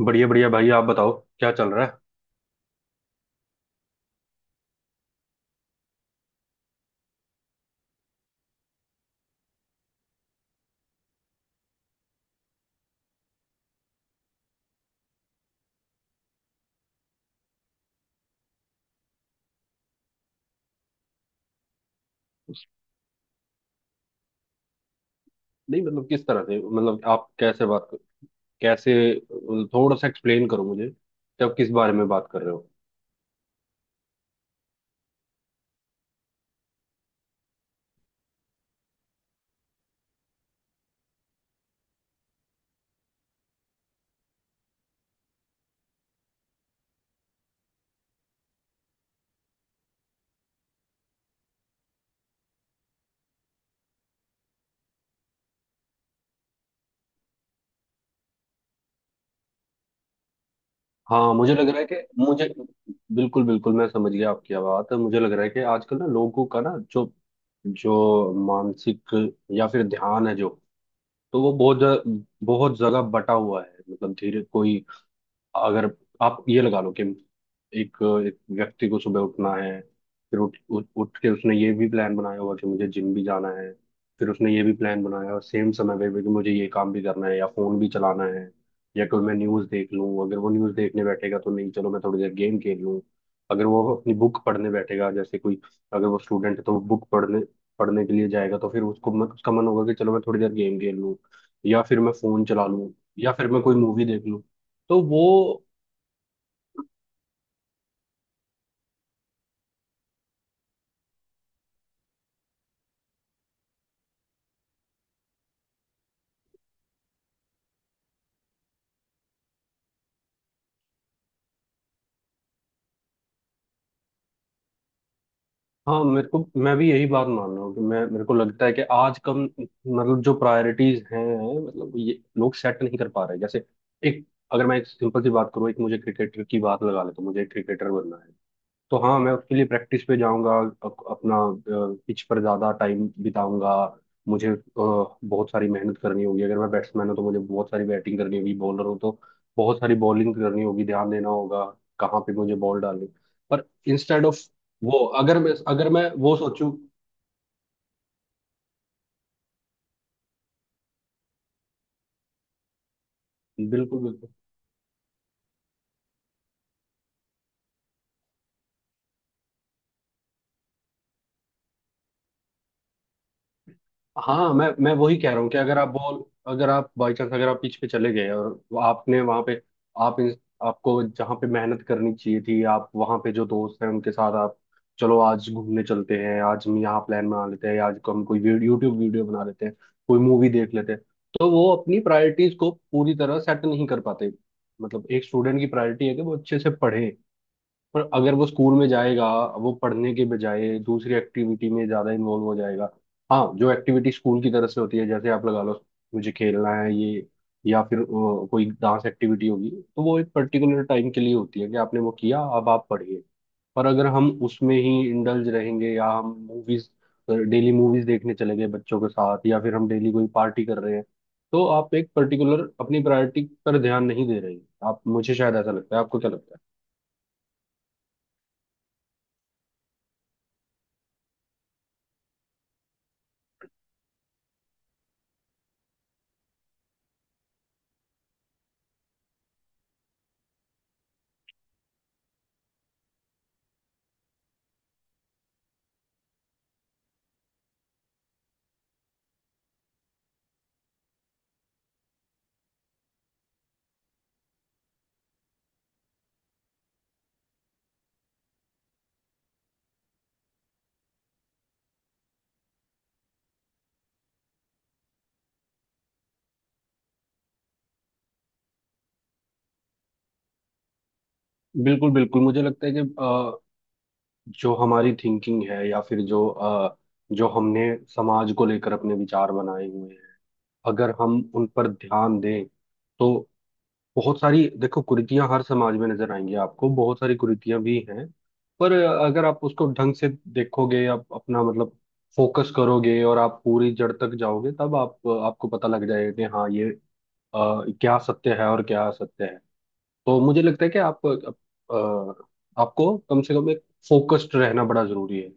बढ़िया बढ़िया भाई, आप बताओ। क्या चल रहा है? नहीं, मतलब किस तरह से, मतलब आप कैसे बात कैसे, थोड़ा सा एक्सप्लेन करो मुझे कि आप किस बारे में बात कर रहे हो। हाँ, मुझे लग रहा है कि मुझे बिल्कुल बिल्कुल, मैं समझ गया आपकी बात। मुझे लग रहा है कि आजकल ना लोगों का ना जो जो मानसिक या फिर ध्यान है जो, तो वो बहुत बहुत जगह बटा हुआ है। मतलब धीरे कोई, अगर आप ये लगा लो कि एक एक व्यक्ति को सुबह उठना है। फिर उठ उठ उठ के उसने ये भी प्लान बनाया होगा कि मुझे जिम भी जाना है। फिर उसने ये भी प्लान बनाया, और सेम समय पे भी कि मुझे ये काम भी करना है या फोन भी चलाना है। या कोई, मैं न्यूज़ देख लूँ। अगर वो न्यूज़ देखने बैठेगा तो नहीं, चलो मैं थोड़ी देर गेम खेल लूँ। अगर वो अपनी बुक पढ़ने बैठेगा, जैसे कोई, अगर वो स्टूडेंट है तो वो बुक पढ़ने पढ़ने के लिए जाएगा, तो फिर उसको उसका मन होगा कि चलो मैं थोड़ी देर गेम खेल लूँ। या फिर मैं फोन चला लूँ। या फिर मैं कोई मूवी देख लूँ। तो वो। हाँ, मेरे को मैं भी यही बात मान रहा हूँ कि मैं मेरे को लगता है कि आज कम, मतलब जो प्रायोरिटीज हैं। मतलब ये लोग सेट नहीं कर पा रहे, जैसे एक अगर मैं एक सिंपल सी बात करूँ, एक, मुझे क्रिकेटर की बात लगा ले तो मुझे क्रिकेटर बनना है। तो हाँ, मैं उसके लिए प्रैक्टिस पे जाऊंगा। अपना पिच पर ज्यादा टाइम बिताऊंगा। मुझे बहुत सारी मेहनत करनी होगी। अगर मैं बैट्समैन हूँ तो मुझे बहुत सारी बैटिंग करनी होगी, बॉलर हूँ तो बहुत सारी बॉलिंग करनी होगी। ध्यान देना होगा कहाँ पे मुझे बॉल डालनी। पर इंस्टेड ऑफ, वो, अगर मैं वो सोचूं। बिल्कुल बिल्कुल। हाँ, मैं वही कह रहा हूँ कि अगर आप बाई चांस, अगर आप पिच पे चले गए, और वो आपने वहां पे, आप आपको जहाँ पे मेहनत करनी चाहिए थी, आप वहां पे जो दोस्त हैं उनके साथ आप, चलो आज घूमने चलते हैं, आज हम यहाँ प्लान बना लेते हैं, आज को हम कोई वीडियो, यूट्यूब वीडियो बना लेते हैं, कोई मूवी देख लेते हैं। तो वो अपनी प्रायोरिटीज को पूरी तरह सेट नहीं कर पाते। मतलब एक स्टूडेंट की प्रायोरिटी है कि वो अच्छे से पढ़े। पर अगर वो स्कूल में जाएगा, वो पढ़ने के बजाय दूसरी एक्टिविटी में ज्यादा इन्वॉल्व हो जाएगा। हाँ, जो एक्टिविटी स्कूल की तरफ से होती है, जैसे आप लगा लो, मुझे खेलना है ये, या फिर कोई डांस एक्टिविटी होगी, तो वो एक पर्टिकुलर टाइम के लिए होती है कि आपने वो किया, अब आप पढ़िए। पर अगर हम उसमें ही इंडल्ज रहेंगे, या हम मूवीज, डेली मूवीज देखने चले गए बच्चों के साथ, या फिर हम डेली कोई पार्टी कर रहे हैं, तो आप एक पर्टिकुलर अपनी प्रायोरिटी पर ध्यान नहीं दे रहे हैं। आप, मुझे शायद ऐसा लगता है। आपको क्या लगता है? बिल्कुल बिल्कुल, मुझे लगता है कि जो हमारी थिंकिंग है या फिर जो हमने समाज को लेकर अपने विचार बनाए हुए हैं। अगर हम उन पर ध्यान दें, तो बहुत सारी, देखो, कुरीतियां हर समाज में नजर आएंगी आपको। बहुत सारी कुरीतियां भी हैं। पर अगर आप उसको ढंग से देखोगे, आप अपना, मतलब, फोकस करोगे, और आप पूरी जड़ तक जाओगे, तब आप आपको पता लग जाएगा कि हाँ, ये क्या सत्य है और क्या असत्य है। तो मुझे लगता है कि आपको कम से कम, एक फोकस्ड रहना बड़ा जरूरी है।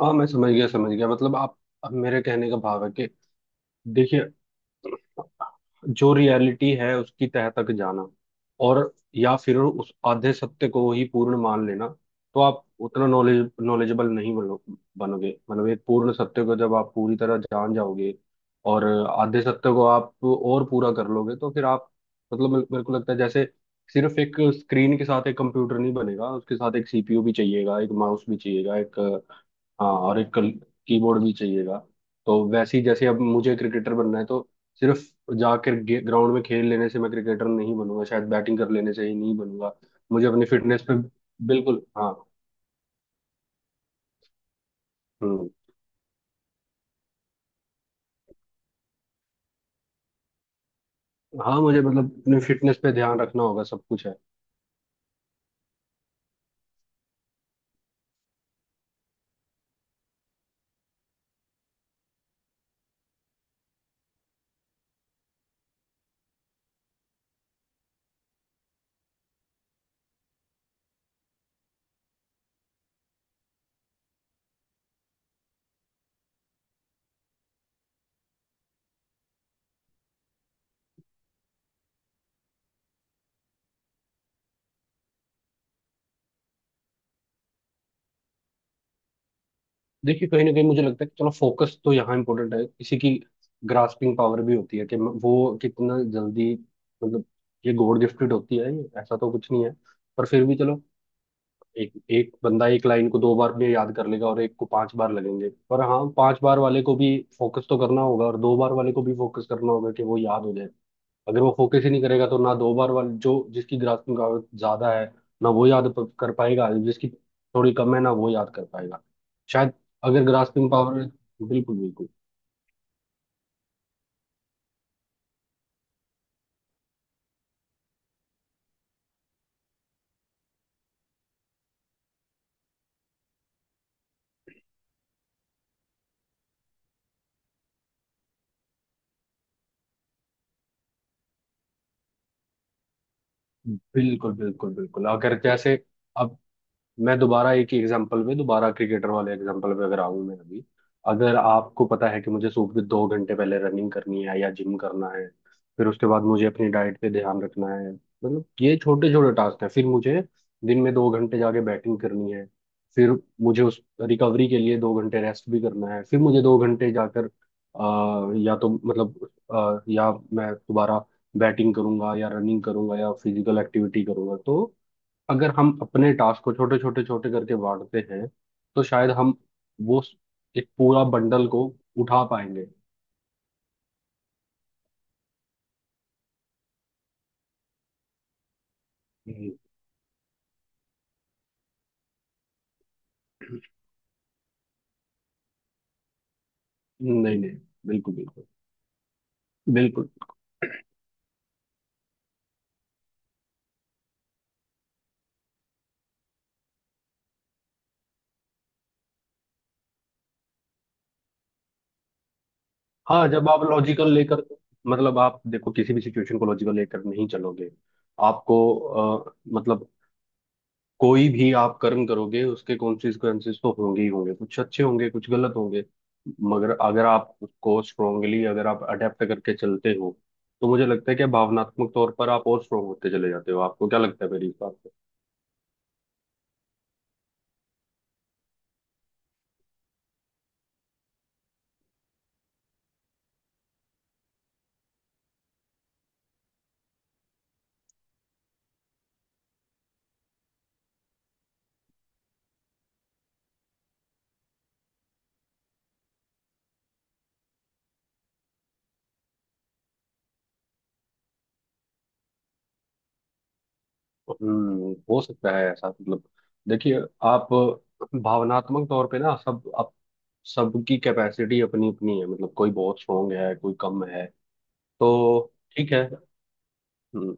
हाँ, मैं समझ गया समझ गया, मतलब आप, अब मेरे कहने का भाव है कि, देखिए, जो रियलिटी है उसकी तह तक जाना, और या फिर उस आधे सत्य को ही पूर्ण मान लेना। तो आप उतना नॉलेजेबल नहीं बनोगे। मतलब एक पूर्ण सत्य को जब आप पूरी तरह जान जाओगे, और आधे सत्य को आप और पूरा कर लोगे, तो फिर आप, मतलब मेरे मेरे को लगता है जैसे, सिर्फ एक स्क्रीन के साथ एक कंप्यूटर नहीं बनेगा, उसके साथ एक सीपीयू भी चाहिएगा, एक माउस भी चाहिएगा, एक, हाँ, और एक कल कीबोर्ड भी चाहिएगा। तो वैसे ही, जैसे अब मुझे क्रिकेटर बनना है, तो सिर्फ जाकर ग्राउंड में खेल लेने से मैं क्रिकेटर नहीं बनूंगा, शायद बैटिंग कर लेने से ही नहीं बनूंगा। मुझे अपनी फिटनेस पे। बिल्कुल, हाँ। हम्म। हाँ, मुझे, मतलब, अपनी फिटनेस पे ध्यान रखना होगा, सब कुछ है। देखिए, कहीं ना कहीं मुझे लगता है कि, चलो, फोकस तो यहाँ इंपॉर्टेंट है। इसी की ग्रास्पिंग पावर भी होती है कि वो कितना जल्दी, मतलब, ये गॉड गिफ्टेड होती है, ये ऐसा तो कुछ नहीं है। पर फिर भी चलो, एक एक बंदा एक लाइन को 2 बार में याद कर लेगा और एक को 5 बार लगेंगे। पर हाँ, 5 बार वाले को भी फोकस तो करना होगा, और 2 बार वाले को भी फोकस करना होगा कि वो याद हो जाए। अगर वो फोकस ही नहीं करेगा तो ना 2 बार वाले, जो जिसकी ग्रास्पिंग पावर ज्यादा है ना वो याद कर पाएगा, जिसकी थोड़ी कम है ना वो याद कर पाएगा शायद। अगर ग्रास्पिंग पावर, बिल्कुल बिल्कुल बिल्कुल बिल्कुल बिल्कुल, अगर जैसे, अब मैं दोबारा एक ही एग्जांपल पे, दोबारा क्रिकेटर वाले एग्जांपल पे अगर आऊं मैं अभी। अगर आपको पता है कि मुझे सुबह के 2 घंटे पहले रनिंग करनी है या जिम करना है, फिर उसके बाद मुझे अपनी डाइट पे ध्यान रखना है, मतलब ये छोटे छोटे टास्क हैं। फिर मुझे दिन में 2 घंटे जाके बैटिंग करनी है। फिर मुझे उस रिकवरी के लिए 2 घंटे रेस्ट भी करना है। फिर मुझे 2 घंटे जाकर या तो, मतलब या मैं दोबारा बैटिंग करूंगा या रनिंग करूंगा या फिजिकल एक्टिविटी करूंगा। तो अगर हम अपने टास्क को छोटे छोटे छोटे करके बांटते हैं, तो शायद हम वो एक पूरा बंडल को उठा पाएंगे। हम्म। नहीं, नहीं। बिल्कुल बिल्कुल। बिल्कुल। हाँ, जब आप लॉजिकल लेकर, मतलब आप देखो, किसी भी सिचुएशन को लॉजिकल लेकर नहीं चलोगे। आपको अ, मतलब, कोई भी आप कर्म करोगे, उसके कॉन्सिक्वेंसेस तो होंगे ही होंगे, कुछ अच्छे होंगे कुछ गलत होंगे। मगर अगर आप उसको स्ट्रोंगली, अगर आप अडेप्ट करके चलते हो, तो मुझे लगता है कि भावनात्मक तौर पर आप और स्ट्रोंग होते चले जाते हो। आपको क्या लगता है मेरी इस बात पे? हम्म, हो सकता है ऐसा, मतलब, देखिए, आप भावनात्मक तौर पे ना, सब आप सबकी कैपेसिटी अपनी अपनी है, मतलब कोई बहुत स्ट्रोंग है कोई कम है। तो ठीक है। हम्म।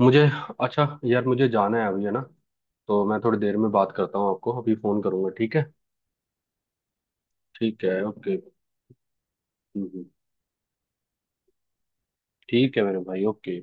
मुझे अच्छा यार, मुझे जाना है अभी, है ना? तो मैं थोड़ी देर में बात करता हूँ आपको, अभी फोन करूंगा, ठीक है? ठीक है, ओके। हम्म हम्म, ठीक है मेरे भाई, ओके।